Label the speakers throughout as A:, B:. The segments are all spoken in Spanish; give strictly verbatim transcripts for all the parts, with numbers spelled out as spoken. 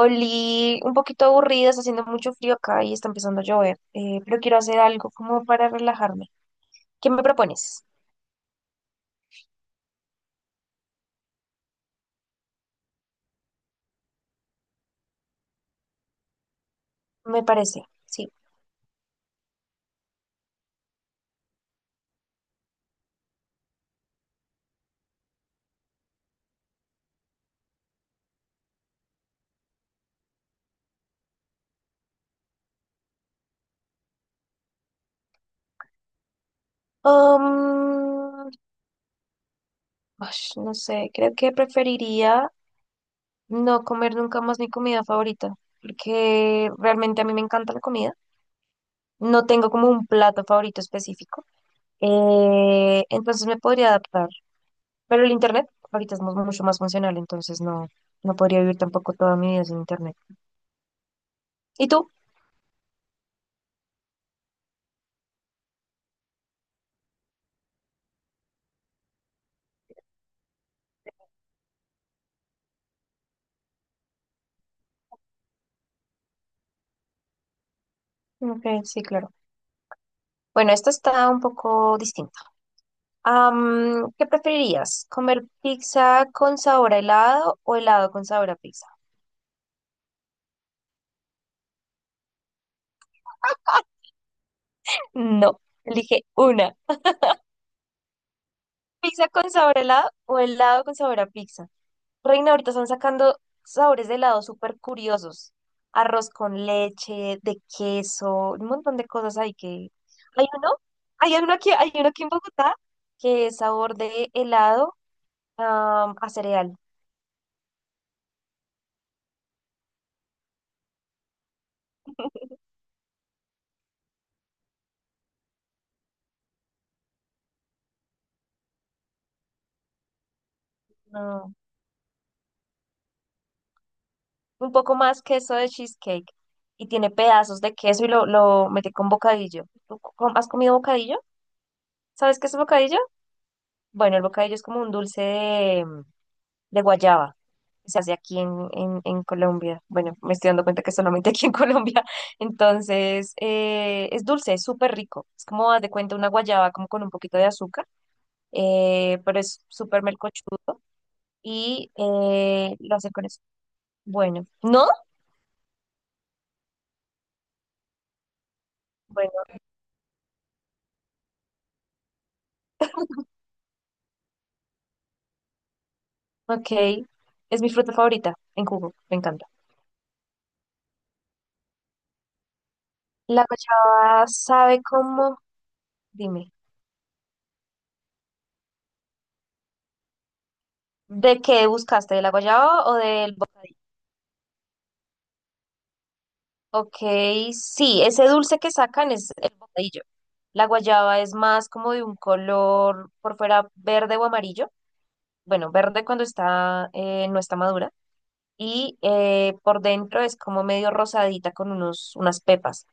A: Oli, un poquito aburrida, está haciendo mucho frío acá y está empezando a llover, eh, pero quiero hacer algo como para relajarme. ¿Qué me propones? Me parece, sí. Um, Ash, no sé, creo que preferiría no comer nunca más mi comida favorita, porque realmente a mí me encanta la comida. No tengo como un plato favorito específico, eh, entonces me podría adaptar. Pero el internet ahorita es mu- mucho más funcional, entonces no, no podría vivir tampoco toda mi vida sin internet. ¿Y tú? Ok, sí, claro. Bueno, esto está un poco distinto. Am, ¿qué preferirías? ¿Comer pizza con sabor a helado o helado con sabor a pizza? No, elige una. ¿Pizza con sabor a helado o helado con sabor a pizza? Reina, ahorita están sacando sabores de helado súper curiosos. Arroz con leche, de queso, un montón de cosas hay que. Hay uno, hay uno aquí, hay uno aquí en Bogotá que es sabor de helado, am, a cereal. No. Un poco más queso de cheesecake y tiene pedazos de queso y lo, lo metí con bocadillo. ¿Tú co- has comido bocadillo? ¿Sabes qué es bocadillo? Bueno, el bocadillo es como un dulce de, de guayaba que se hace aquí en, en, en Colombia. Bueno, me estoy dando cuenta que solamente aquí en Colombia. Entonces, eh, es dulce, es súper rico. Es como, haz de cuenta, una guayaba como con un poquito de azúcar, eh, pero es súper melcochudo y eh, lo hacen con eso. Bueno, ¿no? Ok, es mi fruta favorita en jugo, me encanta. La guayaba sabe cómo, dime, ¿de qué buscaste? ¿De la guayaba o del bocadillo? Ok, sí, ese dulce que sacan es el bocadillo. La guayaba es más como de un color por fuera verde o amarillo. Bueno, verde cuando está, eh, no está madura. Y eh, por dentro es como medio rosadita con unos, unas pepas.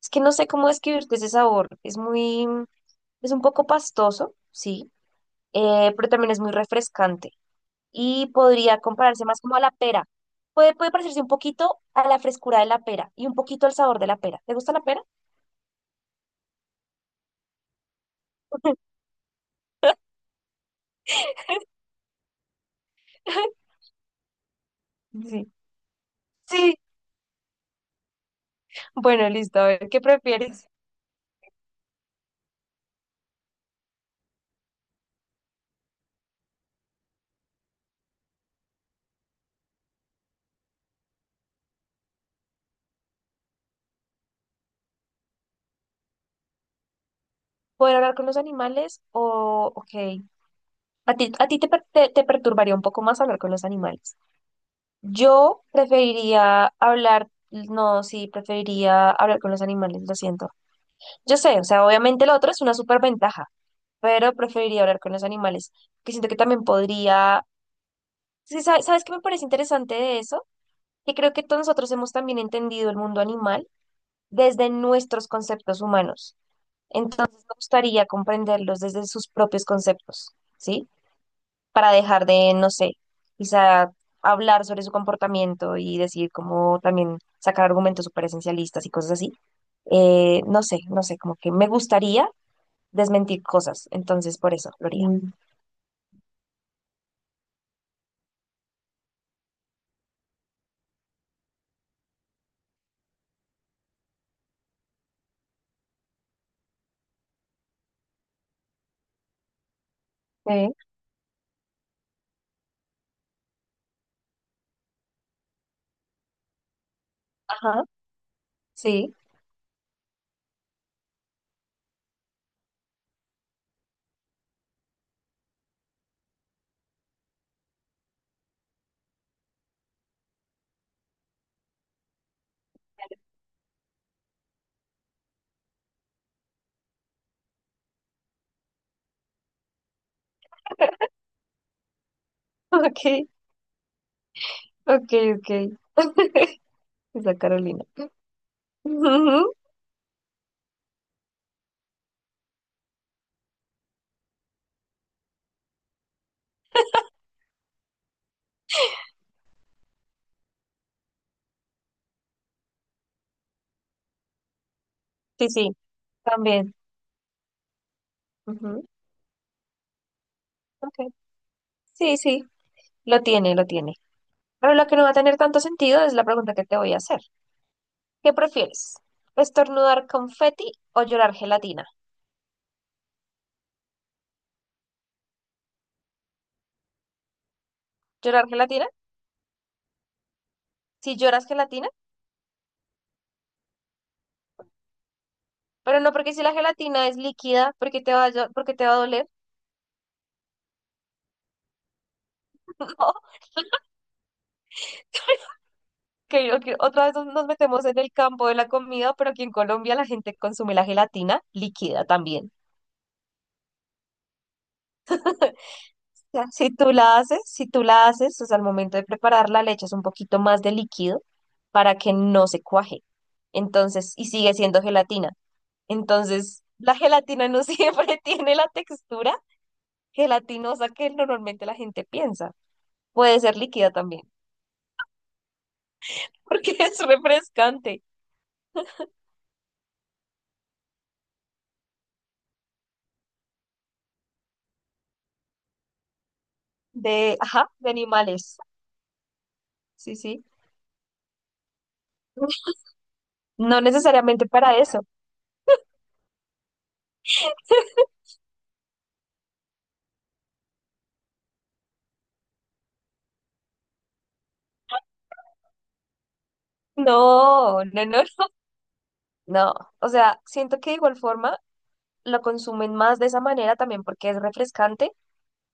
A: Es que no sé cómo describirte ese sabor. Es muy, es un poco pastoso, sí, eh, pero también es muy refrescante y podría compararse más como a la pera. Puede, puede parecerse un poquito a la frescura de la pera y un poquito al sabor de la pera. ¿Te gusta la pera? Sí. Sí. Bueno, listo. A ver, ¿qué prefieres? ¿Poder hablar con los animales o, ok, a ti, a ti te, per- te, te perturbaría un poco más hablar con los animales? Yo preferiría hablar, no, sí, preferiría hablar con los animales, lo siento. Yo sé, o sea, obviamente lo otro es una superventaja, pero preferiría hablar con los animales, que siento que también podría. Sí, sa- ¿sabes qué me parece interesante de eso? Que creo que todos nosotros hemos también entendido el mundo animal desde nuestros conceptos humanos. Entonces me gustaría comprenderlos desde sus propios conceptos, ¿sí? Para dejar de, no sé, quizá hablar sobre su comportamiento y decir como también sacar argumentos súper esencialistas y cosas así, eh, no sé, no sé, como que me gustaría desmentir cosas. Entonces, por eso lo haría. Mm, ok. Ajá, sí. Ok, ok, ok. Esa Carolina. Ujú. Sí, sí, también. Ujú, ok. Sí, sí, lo tiene, lo tiene. Pero lo que no va a tener tanto sentido es la pregunta que te voy a hacer. ¿Qué prefieres? ¿Estornudar confeti o llorar gelatina? ¿Llorar gelatina? Si lloras gelatina, pero no, porque si la gelatina es líquida, porque te va a, llo- porque te va a doler. No. que o- que otra vez nos nos metemos en el campo de la comida, pero aquí en Colombia la gente consume la gelatina líquida también. O sea, Si tú la haces, si tú la haces, o sea, al momento de prepararla le echas un poquito más de líquido para que no se cuaje. Entonces, y sigue siendo gelatina. Entonces, la gelatina no siempre tiene la textura gelatinosa que normalmente la gente piensa. Puede ser líquida también, porque es refrescante. De, ajá, de animales. Sí, sí. No necesariamente para eso. No, no, no, no. O sea, siento que de igual forma lo consumen más de esa manera también porque es refrescante,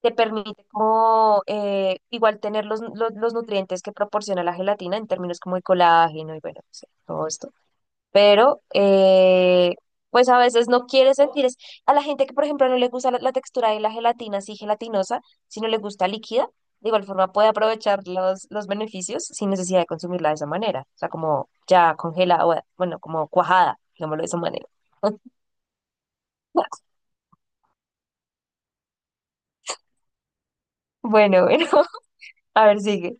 A: te permite como, eh, igual tener los, los, los nutrientes que proporciona la gelatina en términos como de colágeno y, bueno, no sé, todo esto, pero eh, pues a veces no quiere sentir. Es, a la gente que, por ejemplo, no le gusta la, la textura de la gelatina así gelatinosa, si no le gusta líquida, de igual forma puede aprovechar los, los beneficios sin necesidad de consumirla de esa manera, o sea, como ya congelada, o, bueno, como cuajada, digámoslo de esa manera. Bueno, bueno, a ver, sigue.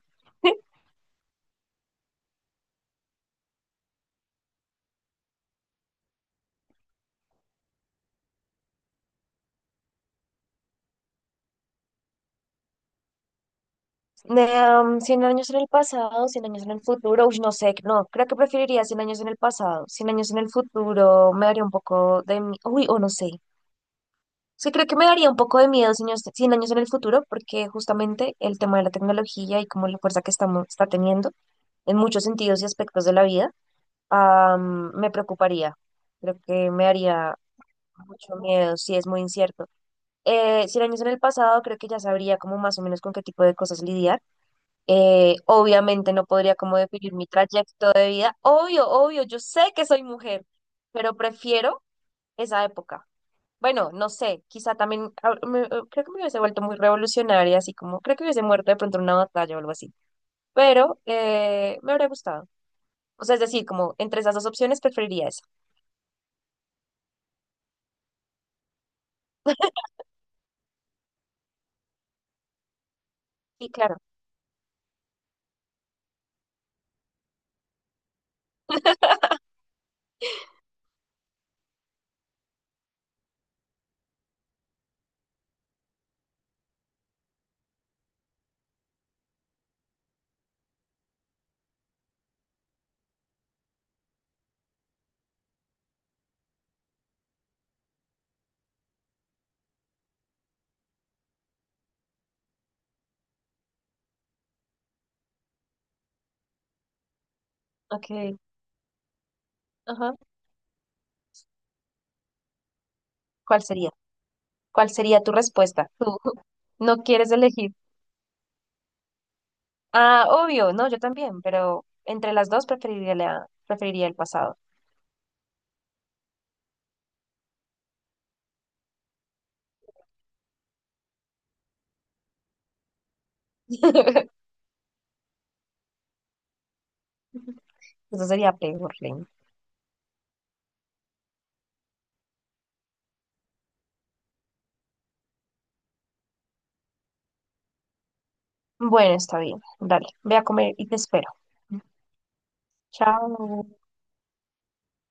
A: Um, Cien años en el pasado, cien años en el futuro, uy, no sé, no, creo que preferiría cien años en el pasado, cien años en el futuro, me daría un poco de. mi- Uy, o no sé. Sí, creo que me daría un poco de miedo cien años, cien años en el futuro, porque justamente el tema de la tecnología y como la fuerza que estamos, está teniendo en muchos sentidos y aspectos de la vida, ah, me preocuparía. Creo que me haría mucho miedo, sí, es muy incierto. Eh, cien años en el pasado, creo que ya sabría como más o menos con qué tipo de cosas lidiar. Eh, obviamente no podría como definir mi trayecto de vida. Obvio, obvio, yo sé que soy mujer, pero prefiero esa época. Bueno, no sé, quizá también, ah, me- eh, creo que me hubiese vuelto muy revolucionaria, así como, creo que hubiese muerto de pronto en una batalla o algo así, pero eh, me habría gustado. O sea, es decir, como entre esas dos opciones preferiría esa. Sí, claro. Ok, ajá. ¿Cuál sería? ¿Cuál sería tu respuesta? Tú no quieres elegir. Ah, obvio, no, yo también, pero entre las dos preferiría la, preferiría el pasado. Eso sería peor, Lin. Bueno, está bien, dale, ve a comer y te espero. Chao.